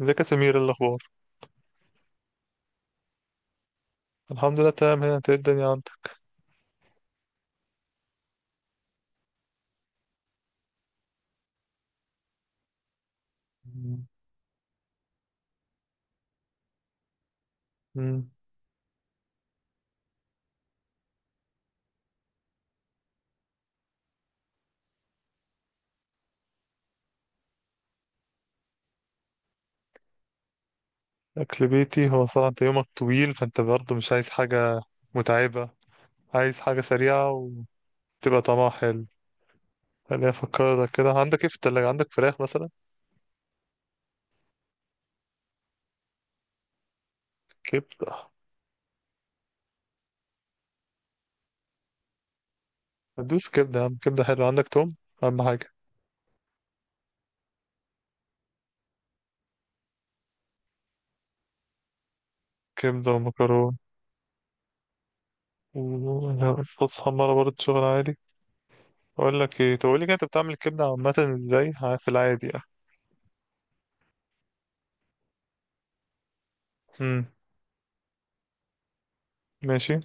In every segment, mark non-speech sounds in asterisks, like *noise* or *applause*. ازيك يا سمير، ايه الاخبار؟ الحمد لله، تمام هنا. انت ايه الدنيا عندك؟ مم. مم. اكل بيتي. هو صراحة انت يومك طويل، فانت برضه مش عايز حاجة متعبة، عايز حاجة سريعة وتبقى طعمها حلو. خليني افكرك كده، عندك ايه في التلاجة؟ عندك فراخ مثلا؟ كبدة. ندوس كبدة يا عم، كبدة حلوة. عندك توم؟ اهم حاجة. كبدة ومكرونة وصوص حمارة برضه، شغل عادي. اقول لك ايه؟ تقول لي كده، انت بتعمل الكبدة عامة ازاي في العادي يعني؟ مم. ماشي.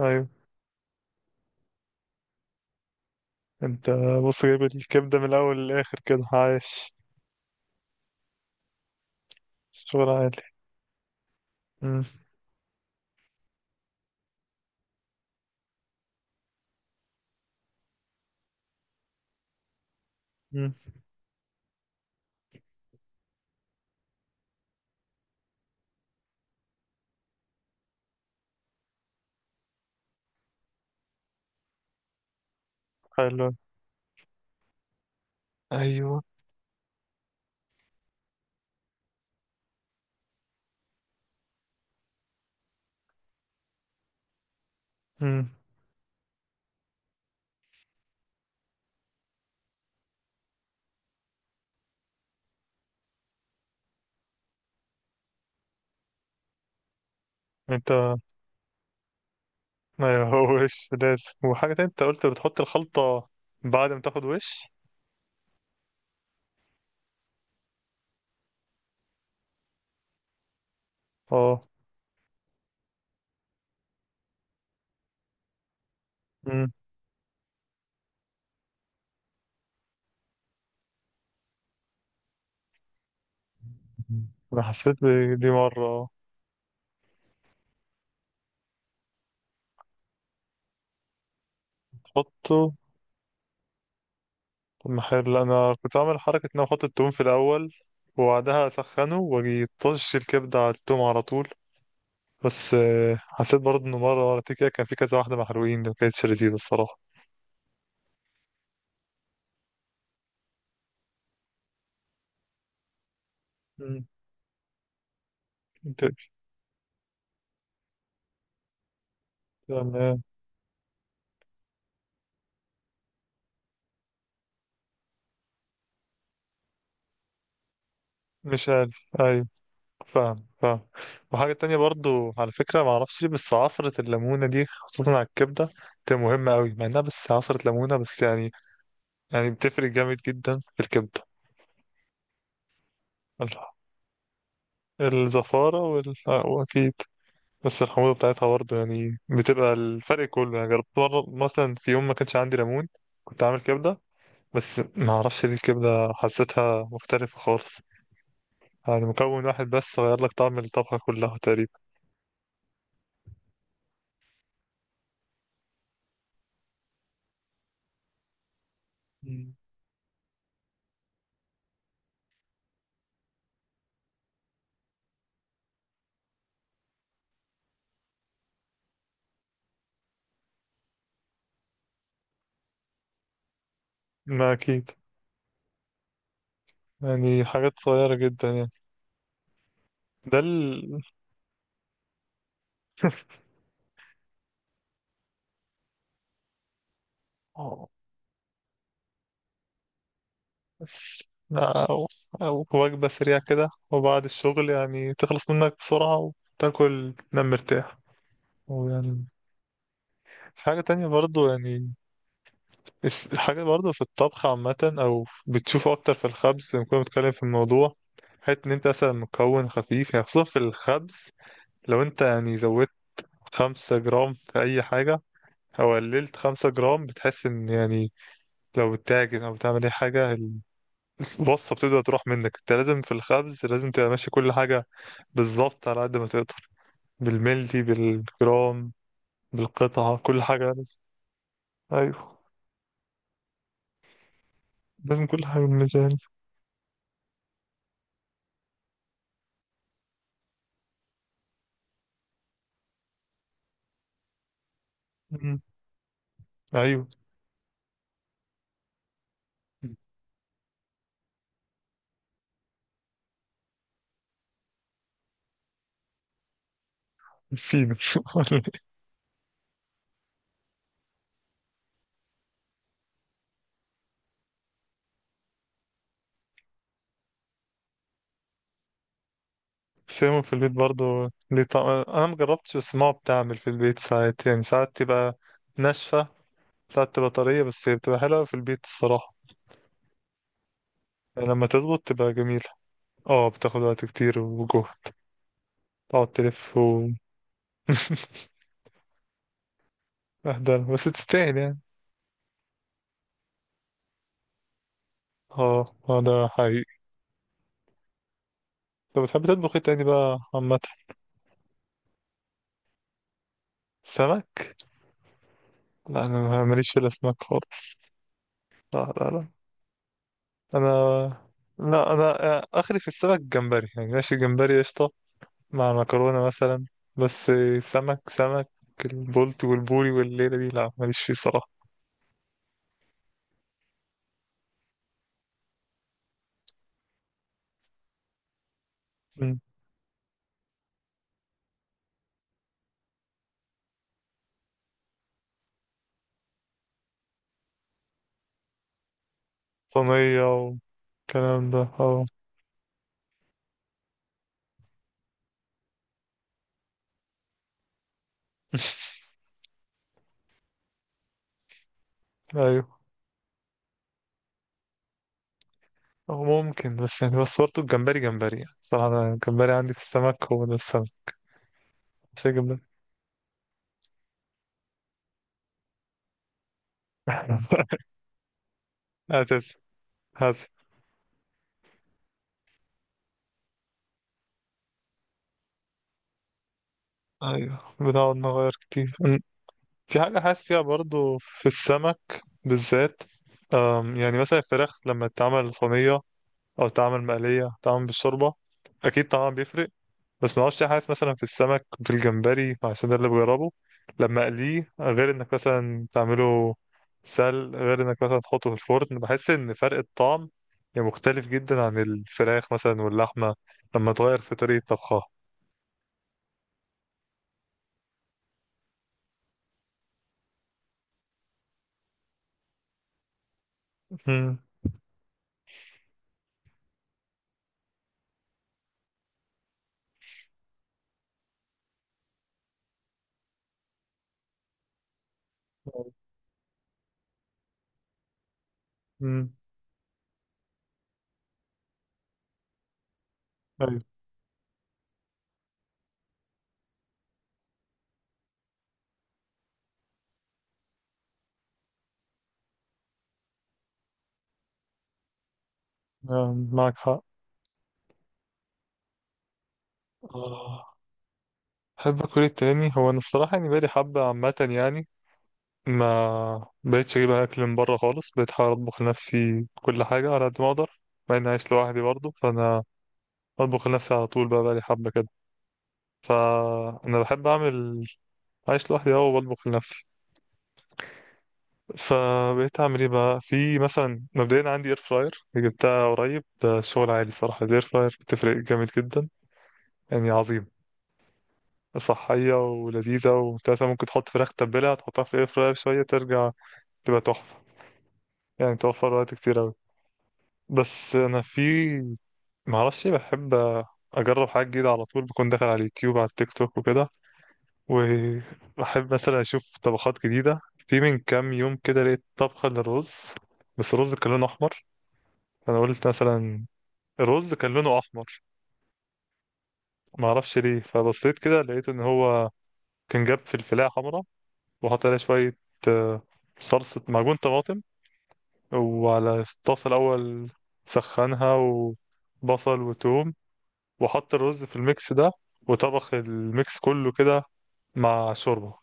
ايوه. انت بص، جايب الكبدة من الأول للآخر كده، عايش. شغل عالي. مم. مم. حلو. أيوه. مم. انت *laughs* أيوه. هو وش لازم وحاجة تانية، انت قلت بتحط الخلطة بعد ما تاخد وش. اه. مم. أنا حسيت بدي مرة اه. تحطه. طب ما حلو، لا، أنا كنت عامل حركة إن أنا أحط التوم في الأول وبعدها أسخنه وأجي طش الكبدة على التوم على طول. بس حسيت برضه إنه مرة مرتين كده كان في كذا واحدة محروقين، ما كانتش لذيذة الصراحة. مم. تمام. مش عارف. ايوه. فاهم. فاهم. وحاجة تانية برضو على فكرة، معرفش ليه بس عصرة الليمونة دي خصوصا على الكبدة تبقى مهمة أوي، مع إنها بس عصرة ليمونة بس يعني. يعني بتفرق جامد جدا في الكبدة. ال- الزفارة وال... آه، وأكيد بس الحموضة بتاعتها برضه، يعني بتبقى الفرق كله. يعني جربت مرة مثلا في يوم ما كانش عندي ليمون، كنت عامل كبدة، بس معرفش ليه الكبدة حسيتها مختلفة خالص. يعني مكون واحد بس غير لك طعم الطبخة كلها تقريبا. ما أكيد. يعني حاجات صغيرة جدا يعني. ده ال بس، أو، أو وجبة سريعة كده وبعد الشغل، يعني تخلص منك بسرعة وتاكل تنام مرتاح. ويعني في حاجة تانية برضو يعني، الحاجة برضو في الطبخ عامة، أو بتشوفه أكتر في الخبز. لما كنا بنتكلم في الموضوع، حتة إن أنت مثلا مكون خفيف يعني خصوصا في الخبز، لو أنت يعني زودت 5 جرام في أي حاجة أو قللت 5 جرام، بتحس إن يعني لو بتتاجر او بتعمل اي حاجه الوصفه بتبدا تروح منك. انت لازم في الخبز لازم تبقى ماشي كل حاجه بالظبط على قد ما تقدر، بالملي بالجرام بالقطعه، كل حاجه لازم. ايوه. لازم كل حاجه بالميزان. مم. ايوه. فين *laughs* سيمو؟ في البيت برضو ليه طعم، انا مجربتش بس ماما بتعمل في البيت ساعات، يعني ساعات تبقى ناشفه، ساعات تبقى طريه، بس هي بتبقى حلوه في البيت الصراحه. يعني لما تظبط تبقى جميله. اه بتاخد وقت كتير وجهد، تقعد تلف. *laughs* اهدى بس تستاهل يعني. اه. اه ده حقيقي. طب بتحب تطبخ ايه تاني بقى عامة؟ سمك؟ لا انا ماليش في الاسماك خالص. لا لا لا. انا، لا انا اخري في السمك جمبري، يعني ماشي جمبري قشطة مع مكرونة مثلا. بس سمك سمك البولت والبوري والليلة دي لا، ماليش فيه صراحة. مم. صينية والكلام ده اه. *laughs* ايوه. أو ممكن بس يعني، بس برضه الجمبري جمبري يعني صراحة، أنا الجمبري عندي في السمك هو ده السمك، مش الجمبري. *laughs* هتس. هتس. ايوه، بنقعد نغير كتير. في حاجة حاسس فيها برضو في السمك بالذات. يعني مثلا الفراخ لما تتعمل صينية أو تتعمل مقلية تتعمل بالشوربة، أكيد طعمها بيفرق. بس ما اعرفش، حاسس مثلا في السمك في الجمبري عشان ده اللي بجربه، لما أقليه غير إنك مثلا تعمله سل، غير إنك مثلا تحطه في الفرن، بحس إن فرق الطعم يعني مختلف جدا عن الفراخ مثلا واللحمة لما تغير في طريقة طبخها. امم. ايوه. معك حق. آه، احب اكل إيه تاني؟ هو انا الصراحه يعني بقالي حبه عامه، يعني ما بقتش اجيب اكل من بره خالص، بقيت احاول اطبخ لنفسي كل حاجه على قد ما اقدر، مع اني عايش لوحدي برضه. فانا بطبخ لنفسي على طول، بقى بقالي حبه كده. فانا بحب اعمل. عايش لوحدي اهو، وبطبخ لنفسي. فبقيت اعمل ايه بقى؟ في مثلا مبدئيا عندي اير فراير، جبتها قريب، ده شغل عالي صراحه. الاير فراير بتفرق جامد جدا، يعني عظيم. صحية ولذيذة وتلاتة. ممكن تحط فراخ تتبلها، تحطها في الاير فراير شوية، ترجع تبقى تحفة. يعني توفر وقت كتير أوي. بس أنا في معرفش، بحب أجرب حاجة جديدة على طول، بكون داخل على اليوتيوب على التيك توك وكده، وبحب مثلا أشوف طبخات جديدة. في من كام يوم كده لقيت طبخة للرز، بس الرز كان لونه أحمر. أنا قلت مثلا الرز كان لونه أحمر، معرفش ليه. فبصيت كده لقيت إن هو كان جاب فلفلاية حمرا وأحط عليها شوية آه، صلصة معجون طماطم، وعلى الطاسة الأول سخنها وبصل وتوم، وأحط الرز في الميكس ده، وطبخ الميكس كله كده مع شوربة.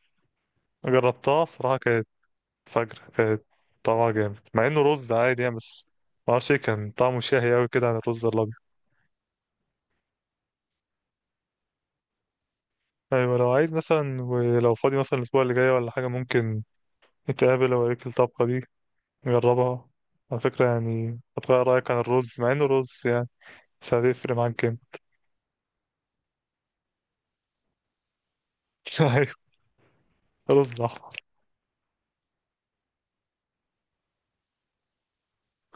جربتها صراحة، كانت فجر. كانت طعمها جامد مع انه رز عادي يعني، بس معرفش ايه، كان طعمه شهي اوي كده عن الرز الابيض. ايوه، لو عايز مثلا، ولو فاضي مثلا الاسبوع اللي جاي ولا حاجة، ممكن نتقابل، اوريك الطبخة دي، جربها. على فكرة يعني هتغير رأيك عن الرز مع انه رز يعني، بس هتفرق معاك جامد. *laughs* ايوه، رز احمر.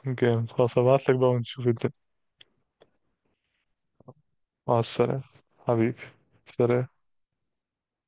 جامد خلاص، هبعتلك بقى ونشوف الدنيا. مع السلامة حبيبي. سلام.